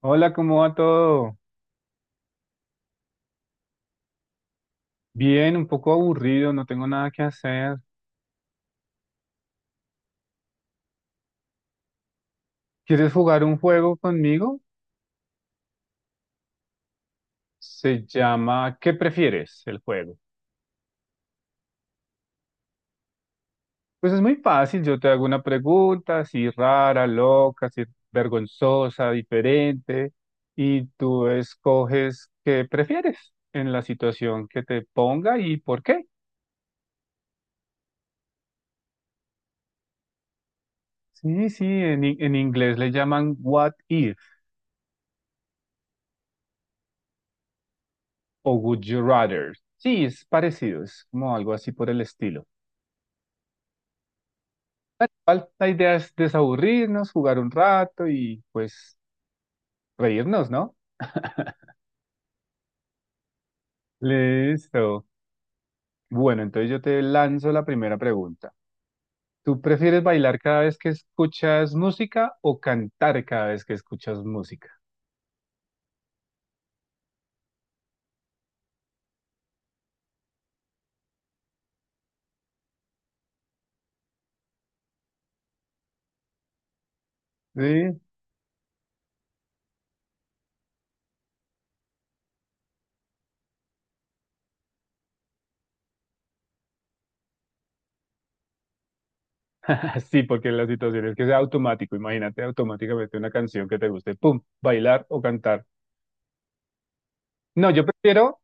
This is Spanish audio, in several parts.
Hola, ¿cómo va todo? Bien, un poco aburrido, no tengo nada que hacer. ¿Quieres jugar un juego conmigo? Se llama ¿Qué prefieres el juego? Pues es muy fácil, yo te hago una pregunta, si rara, loca, si vergonzosa, diferente, y tú escoges qué prefieres en la situación que te ponga y por qué. Sí, sí, en inglés le llaman what if o would you rather. Sí, es parecido, es como algo así por el estilo. Igual, la idea es desaburrirnos, jugar un rato y pues reírnos, ¿no? Listo. Bueno, entonces yo te lanzo la primera pregunta. ¿Tú prefieres bailar cada vez que escuchas música o cantar cada vez que escuchas música? Sí. Sí, porque la situación es que sea automático. Imagínate automáticamente una canción que te guste. ¡Pum! Bailar o cantar. No, yo prefiero.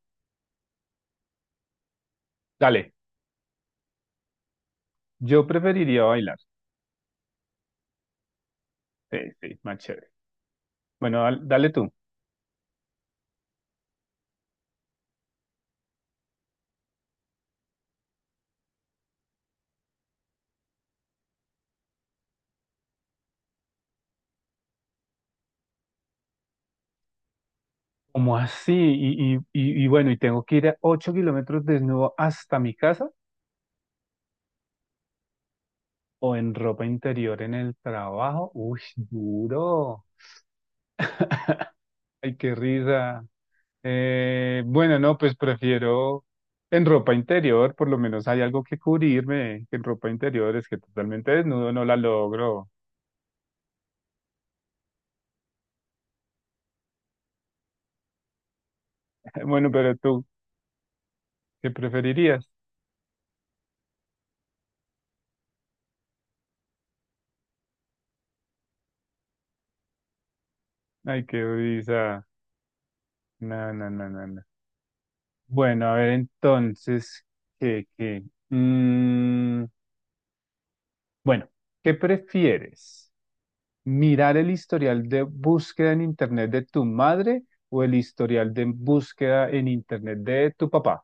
Dale, yo preferiría bailar. Sí, sí, más chévere. Bueno, dale tú. ¿Cómo así? Y bueno, ¿y tengo que ir a 8 kilómetros desnudo hasta mi casa o en ropa interior en el trabajo? Uy, duro. Ay, qué risa. Bueno, no, pues prefiero en ropa interior, por lo menos hay algo que cubrirme, que en ropa interior es que totalmente desnudo no la logro. Bueno, pero tú, ¿qué preferirías? Ay, qué risa. No, no, no, no, no. Bueno, a ver, entonces, ¿qué, qué? Mm, Bueno, ¿qué prefieres? ¿Mirar el historial de búsqueda en Internet de tu madre o el historial de búsqueda en Internet de tu papá?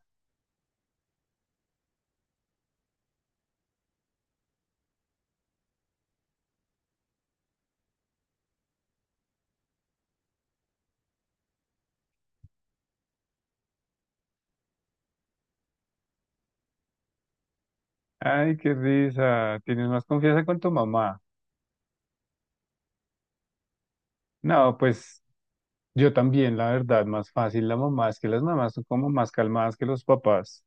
Ay, qué risa. Tienes más confianza con tu mamá. No, pues yo también, la verdad, más fácil la mamá. Es que las mamás son como más calmadas que los papás.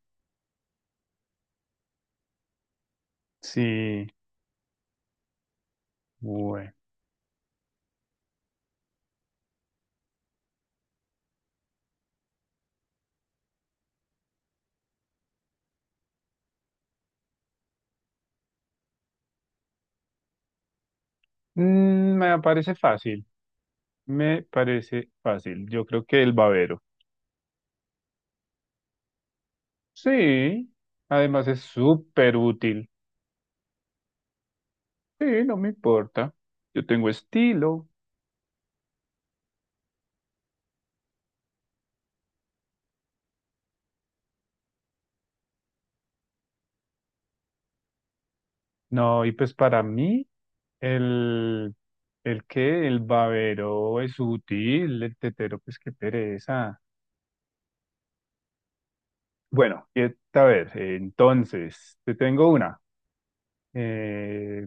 Sí, bueno. Me parece fácil. Me parece fácil. Yo creo que el babero. Sí, además es súper útil. Sí, no me importa. Yo tengo estilo. No, y pues para mí, el, el que el babero es útil, el tetero, pues qué pereza. Bueno, y, a ver, entonces, te tengo una. Eh,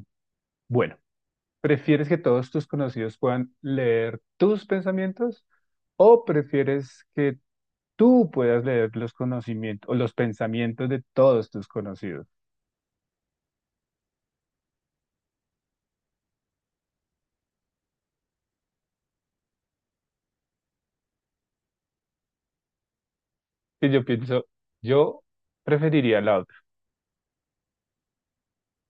bueno, ¿prefieres que todos tus conocidos puedan leer tus pensamientos o prefieres que tú puedas leer los conocimientos o los pensamientos de todos tus conocidos? Y yo pienso, yo preferiría la otra.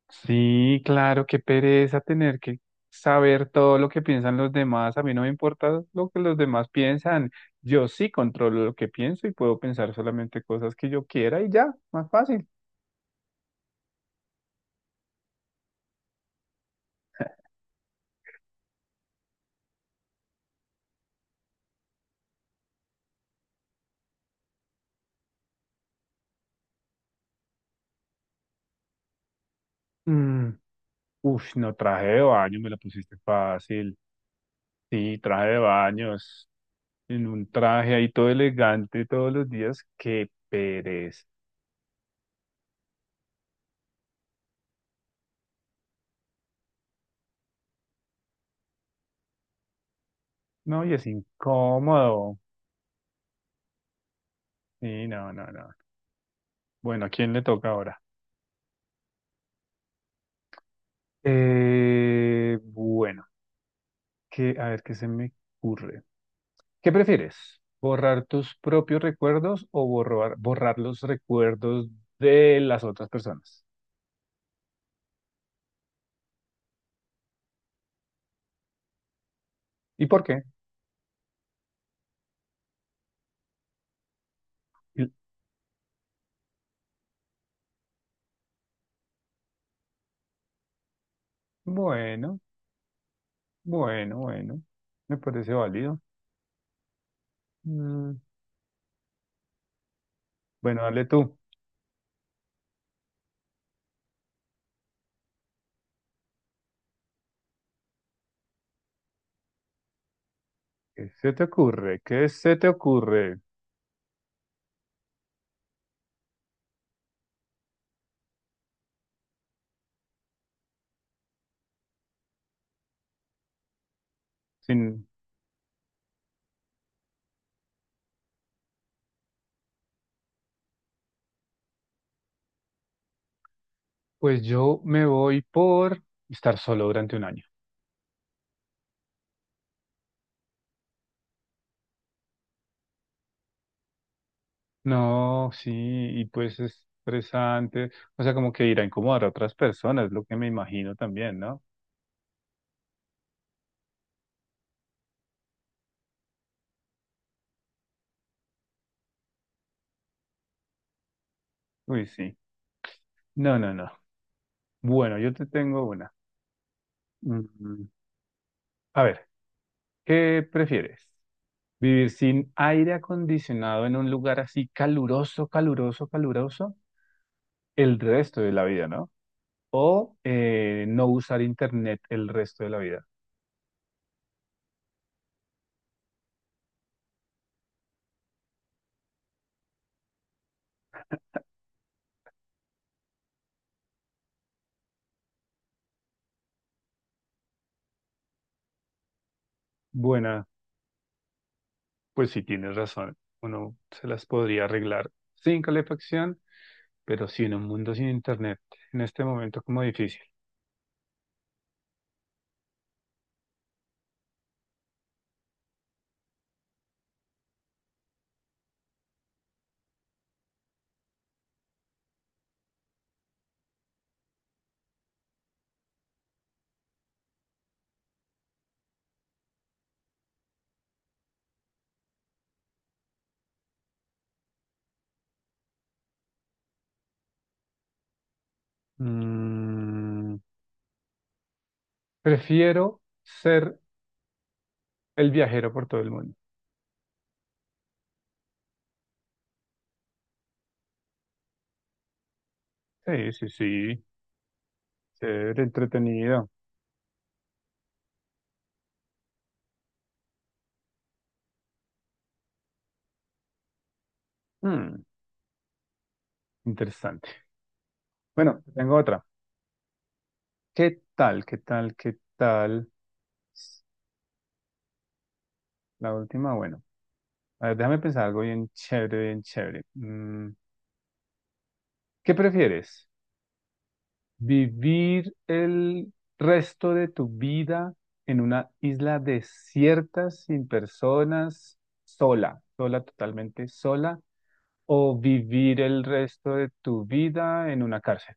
Sí, claro, qué pereza tener que saber todo lo que piensan los demás. A mí no me importa lo que los demás piensan. Yo sí controlo lo que pienso y puedo pensar solamente cosas que yo quiera y ya, más fácil. Mm, Uf, no traje de baño, me la pusiste fácil. Sí, traje de baños, en un traje ahí todo elegante todos los días. Qué pereza. No, y es incómodo. Sí, no, no, no. Bueno, ¿a quién le toca ahora? Bueno. Que, a ver, ¿qué se me ocurre? ¿Qué prefieres? ¿Borrar tus propios recuerdos o borrar los recuerdos de las otras personas? ¿Y por qué? Y- Bueno, bueno, bueno. Me parece válido. Mm. Bueno, dale tú. ¿Qué se te ocurre? ¿Qué se te ocurre? Sin... Pues yo me voy por estar solo durante un año. No, sí, y pues es estresante. O sea, como que ir a incomodar a otras personas, lo que me imagino también, ¿no? Uy, sí. No, no, no. Bueno, yo te tengo una. Mm, A ver, ¿qué prefieres? ¿Vivir sin aire acondicionado en un lugar así caluroso, caluroso, caluroso el resto de la vida, no? O no usar internet el resto de la vida. Buena, pues sí tienes razón. Uno se las podría arreglar sin calefacción, pero sí en un mundo sin internet, en este momento como difícil. Mm, Prefiero ser el viajero por todo el mundo. Sí, sí, sí. Ser entretenido. Hmm, interesante. Bueno, tengo otra. ¿Qué tal? ¿Qué tal? ¿Qué tal? La última, bueno. A ver, déjame pensar algo bien chévere, bien chévere. ¿Qué prefieres? ¿Vivir el resto de tu vida en una isla desierta, sin personas, sola, sola, totalmente sola? ¿O vivir el resto de tu vida en una cárcel?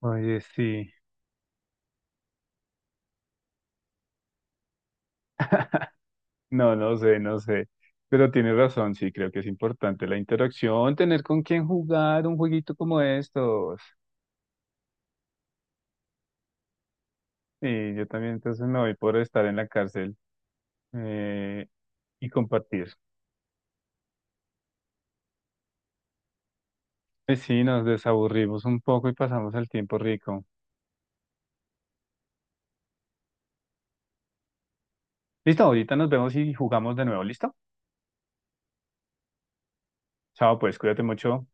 Oye, sí. No, no sé, no sé. Pero tienes razón, sí, creo que es importante la interacción, tener con quién jugar un jueguito como estos. Sí, yo también entonces me voy por estar en la cárcel, eh, y compartir. Pues sí, nos desaburrimos un poco y pasamos el tiempo rico. Listo, ahorita nos vemos y jugamos de nuevo, ¿listo? Chao, pues cuídate mucho.